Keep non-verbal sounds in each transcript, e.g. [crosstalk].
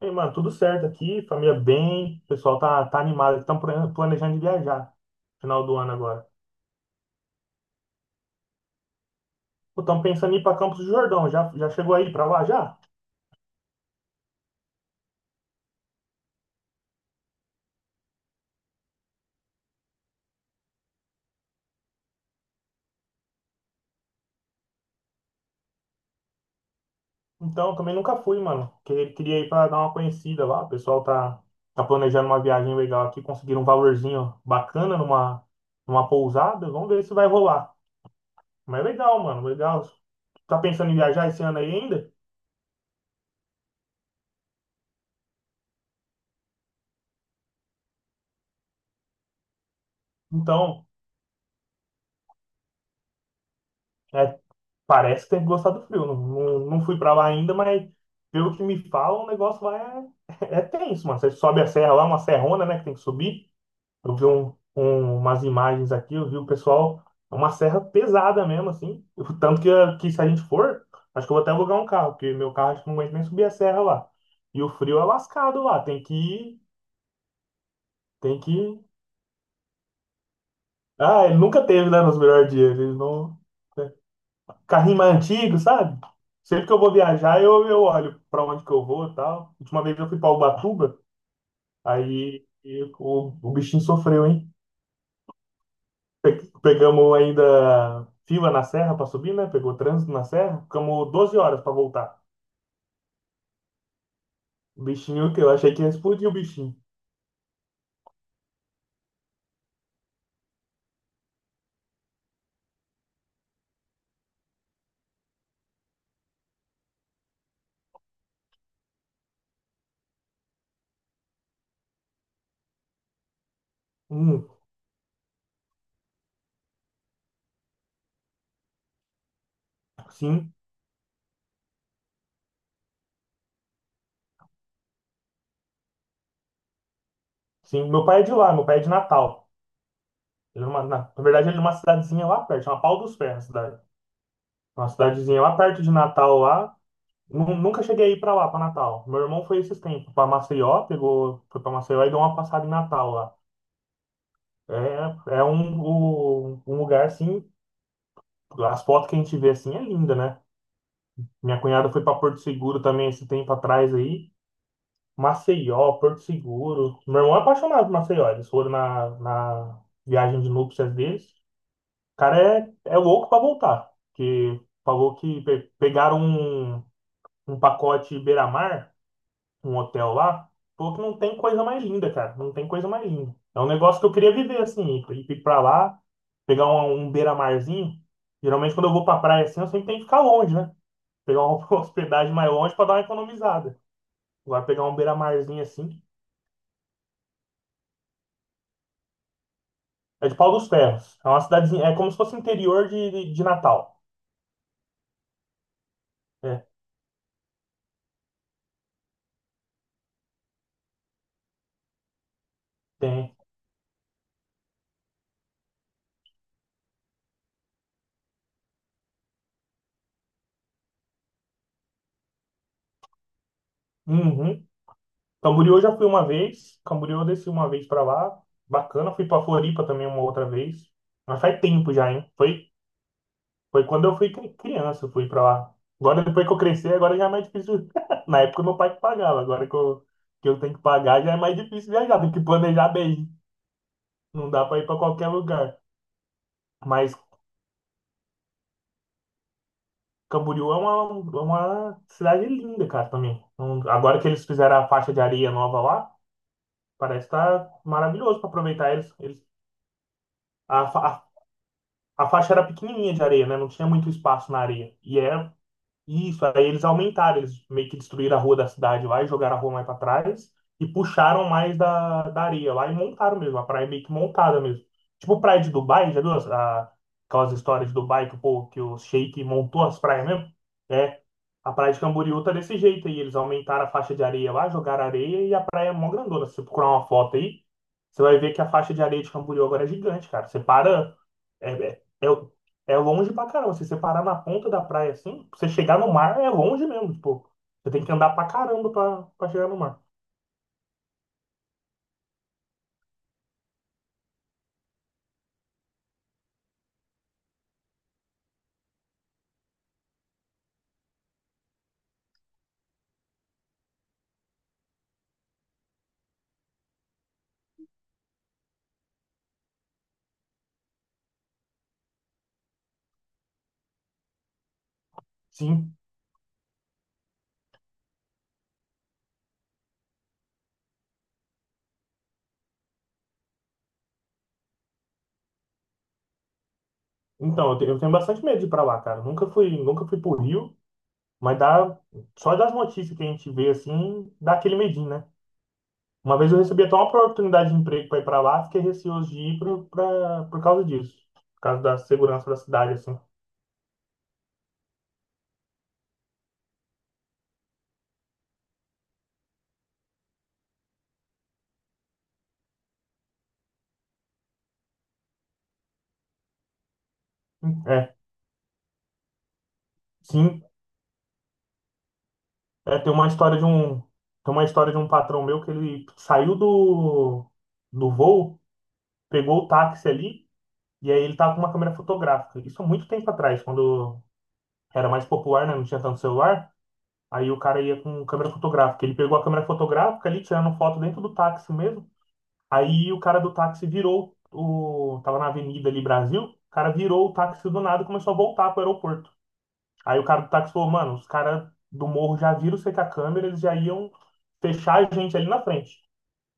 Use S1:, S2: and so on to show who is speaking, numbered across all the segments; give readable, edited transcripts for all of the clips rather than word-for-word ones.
S1: Ei, mano, tudo certo aqui, família bem, o pessoal tá animado, estão planejando de viajar final do ano agora. Estão pensando em ir para Campos do Jordão, já chegou aí para lá já? Então, também nunca fui, mano, queria ir para dar uma conhecida lá, o pessoal tá planejando uma viagem legal aqui, conseguiram um valorzinho bacana numa pousada, vamos ver se vai rolar. Mas é legal, mano, legal. Tá pensando em viajar esse ano aí ainda? Então, é. Parece que tem que gostar do frio. Não, não fui pra lá ainda, mas pelo que me falam, o negócio lá é, [laughs] é tenso, mano. Você sobe a serra lá, uma serrona, né, que tem que subir. Eu vi umas imagens aqui, eu vi o pessoal, é uma serra pesada mesmo, assim. O tanto que se a gente for, acho que eu vou até alugar um carro, porque meu carro acho que não aguenta nem subir a serra lá. E o frio é lascado lá, tem que tem que ir. Ah, ele nunca teve, né, nos melhores dias. Ele não. Carrinho mais antigo, sabe? Sempre que eu vou viajar, eu olho pra onde que eu vou e tal. Última vez eu fui pra Ubatuba, aí e o bichinho sofreu, hein? Pegamos ainda fila na serra pra subir, né? Pegou trânsito na serra, ficamos 12 horas pra voltar. O bichinho, que eu achei que ia explodir o bichinho. Hum, sim, sim. Meu pai é de lá, meu pai é de Natal. Na, na verdade, ele é de uma cidadezinha lá perto, chama Pau dos Ferros, a cidade. Uma cidadezinha lá perto de Natal, lá. Nunca cheguei a ir pra lá, pra Natal. Meu irmão foi esses tempos pra Maceió, pegou, foi pra Maceió e deu uma passada em Natal lá. Um lugar assim, as fotos que a gente vê assim é linda, né? Minha cunhada foi pra Porto Seguro também esse tempo atrás aí. Maceió, Porto Seguro. Meu irmão é apaixonado por Maceió. Eles foram na viagem de núpcias deles. O cara é louco pra voltar. Que falou que pegaram um pacote beira-mar. Um hotel lá, falou que não tem coisa mais linda, cara. Não tem coisa mais linda. É um negócio que eu queria viver, assim, ir pra lá, pegar um beira-marzinho. Geralmente, quando eu vou pra praia assim, eu sempre tenho que ficar longe, né? Pegar uma [laughs] hospedagem mais longe pra dar uma economizada. Agora, pegar um beira-marzinho assim, é de Pau dos Ferros. É uma cidadezinha, é como se fosse interior de Natal. É, tem. Uhum. Camboriú eu já fui uma vez. Camboriú eu desci uma vez pra lá. Bacana. Fui pra Floripa também uma outra vez. Mas faz tempo já, hein? Foi. Foi quando eu fui criança, eu fui pra lá. Agora, depois que eu cresci, agora já é mais difícil. [laughs] Na época, meu pai que pagava. Agora que eu tenho que pagar, já é mais difícil viajar. Tem que planejar bem. Não dá pra ir pra qualquer lugar. Mas Camboriú é é uma cidade linda, cara, também. Então, agora que eles fizeram a faixa de areia nova lá, parece que tá maravilhoso pra aproveitar eles. Eles a, fa- a faixa era pequenininha de areia, né? Não tinha muito espaço na areia. E é isso, aí eles aumentaram, eles meio que destruíram a rua da cidade lá e jogaram a rua mais para trás e puxaram mais da areia lá e montaram mesmo, a praia meio que montada mesmo. Tipo praia de Dubai, já viu aquelas histórias de Dubai que, que o Sheik montou as praias mesmo? É, a praia de Camboriú tá desse jeito aí, eles aumentaram a faixa de areia lá, jogaram areia e a praia é mó grandona. Se você procurar uma foto aí, você vai ver que a faixa de areia de Camboriú agora é gigante, cara. Você para. É, é, é, é longe pra caramba. Se você parar na ponta da praia assim, pra você chegar no mar é longe mesmo, tipo. Você tem que andar pra caramba pra chegar no mar. Sim. Então, eu tenho bastante medo de ir pra lá, cara. Nunca fui, nunca fui pro Rio, mas dá, só das notícias que a gente vê assim, dá aquele medinho, né? Uma vez eu recebi até uma oportunidade de emprego pra ir pra lá, fiquei receoso de ir por causa disso. Por causa da segurança da cidade, assim. É, sim. É, tem uma história de um, tem uma história de um patrão meu que ele saiu do voo, pegou o táxi ali, e aí ele tava com uma câmera fotográfica. Isso há muito tempo atrás, quando era mais popular, né? Não tinha tanto celular. Aí o cara ia com câmera fotográfica. Ele pegou a câmera fotográfica ali, tirando foto dentro do táxi mesmo. Aí o cara do táxi virou tava na avenida ali, Brasil. O cara virou o táxi do nada e começou a voltar pro aeroporto. Aí o cara do táxi falou, mano, os caras do morro já viram você com a câmera, eles já iam fechar a gente ali na frente.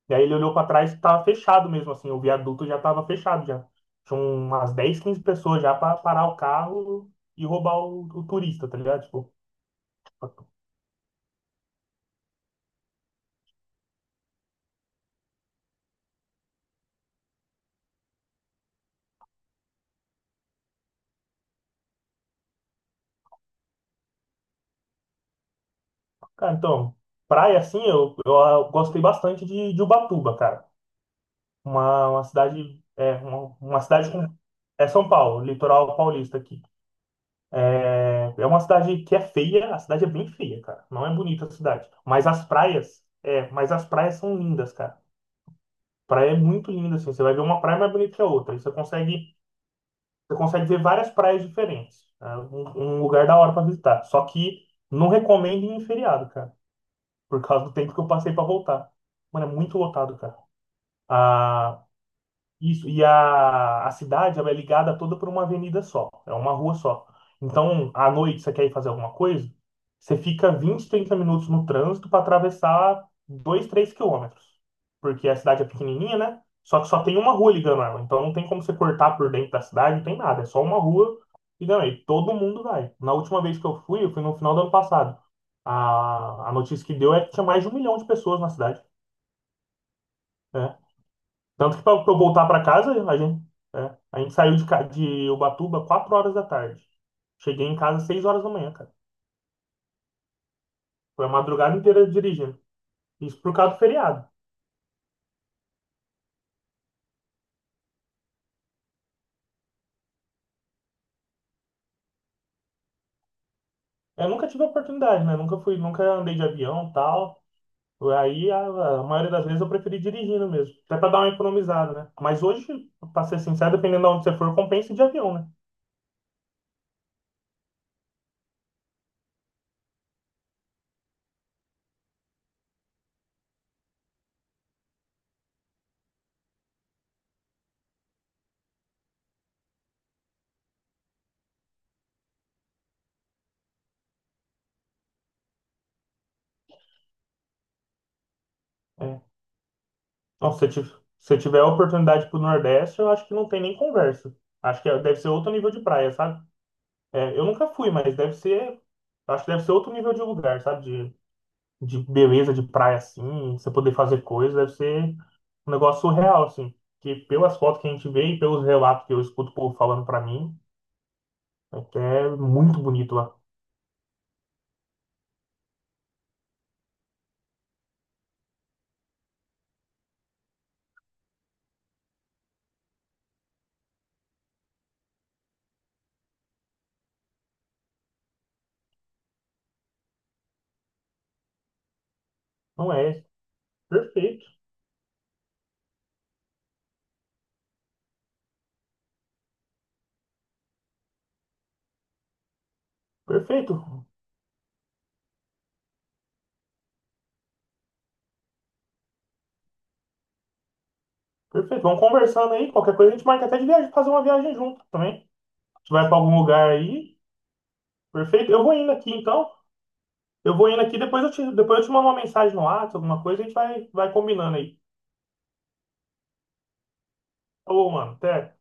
S1: E aí ele olhou pra trás e tava fechado mesmo, assim, o viaduto já tava fechado já. Tinha umas 10, 15 pessoas já pra parar o carro e roubar o turista, tá ligado? Tipo, cara, então, praia assim, eu gostei bastante de Ubatuba, cara. Uma cidade com. É São Paulo, litoral paulista aqui. É uma cidade que é feia, a cidade é bem feia, cara. Não é bonita a cidade. Mas as praias, é, mas as praias são lindas, cara. Praia é muito linda, assim. Você vai ver uma praia mais bonita que a outra. E você consegue ver várias praias diferentes. É um lugar da hora pra visitar. Só que não recomendo ir em feriado, cara. Por causa do tempo que eu passei pra voltar. Mano, é muito lotado, cara. Ah, isso, e a cidade ela é ligada toda por uma avenida só, é uma rua só. Então, à noite, você quer ir fazer alguma coisa, você fica 20, 30 minutos no trânsito para atravessar 2, 3 quilômetros. Porque a cidade é pequenininha, né? Só que só tem uma rua ligando ela. Então, não tem como você cortar por dentro da cidade, não tem nada. É só uma rua ligando aí. Todo mundo vai. Na última vez que eu fui no final do ano passado. A notícia que deu é que tinha mais de um milhão de pessoas na cidade. Né? Tanto que para eu voltar para casa, a gente saiu de Ubatuba 4 horas da tarde. Cheguei em casa 6 horas da manhã, cara. Foi a madrugada inteira dirigindo. Isso por causa do feriado. Eu nunca tive a oportunidade, né? Nunca fui, nunca andei de avião, tal. Aí a maioria das vezes eu preferi dirigindo mesmo, até para dar uma economizada, né? Mas hoje, para ser sincero, dependendo de onde você for, compensa ir de avião, né? É. Não, se você tiver a oportunidade pro Nordeste, eu acho que não tem nem conversa. Acho que é, deve ser outro nível de praia, sabe? É, eu nunca fui, mas deve ser. Acho que deve ser outro nível de lugar, sabe? De beleza, de praia assim, você poder fazer coisas, deve ser um negócio surreal, assim. Que pelas fotos que a gente vê e pelos relatos que eu escuto o povo falando pra mim, é que é muito bonito lá. Não é? Perfeito, perfeito, perfeito. Vamos conversando aí, qualquer coisa a gente marca até de viagem, fazer uma viagem junto também. A gente vai pra algum lugar aí, perfeito. Eu vou indo aqui então. Eu vou indo aqui, depois depois eu te mando uma mensagem no WhatsApp, alguma coisa, a gente vai combinando aí. Falou, mano, até.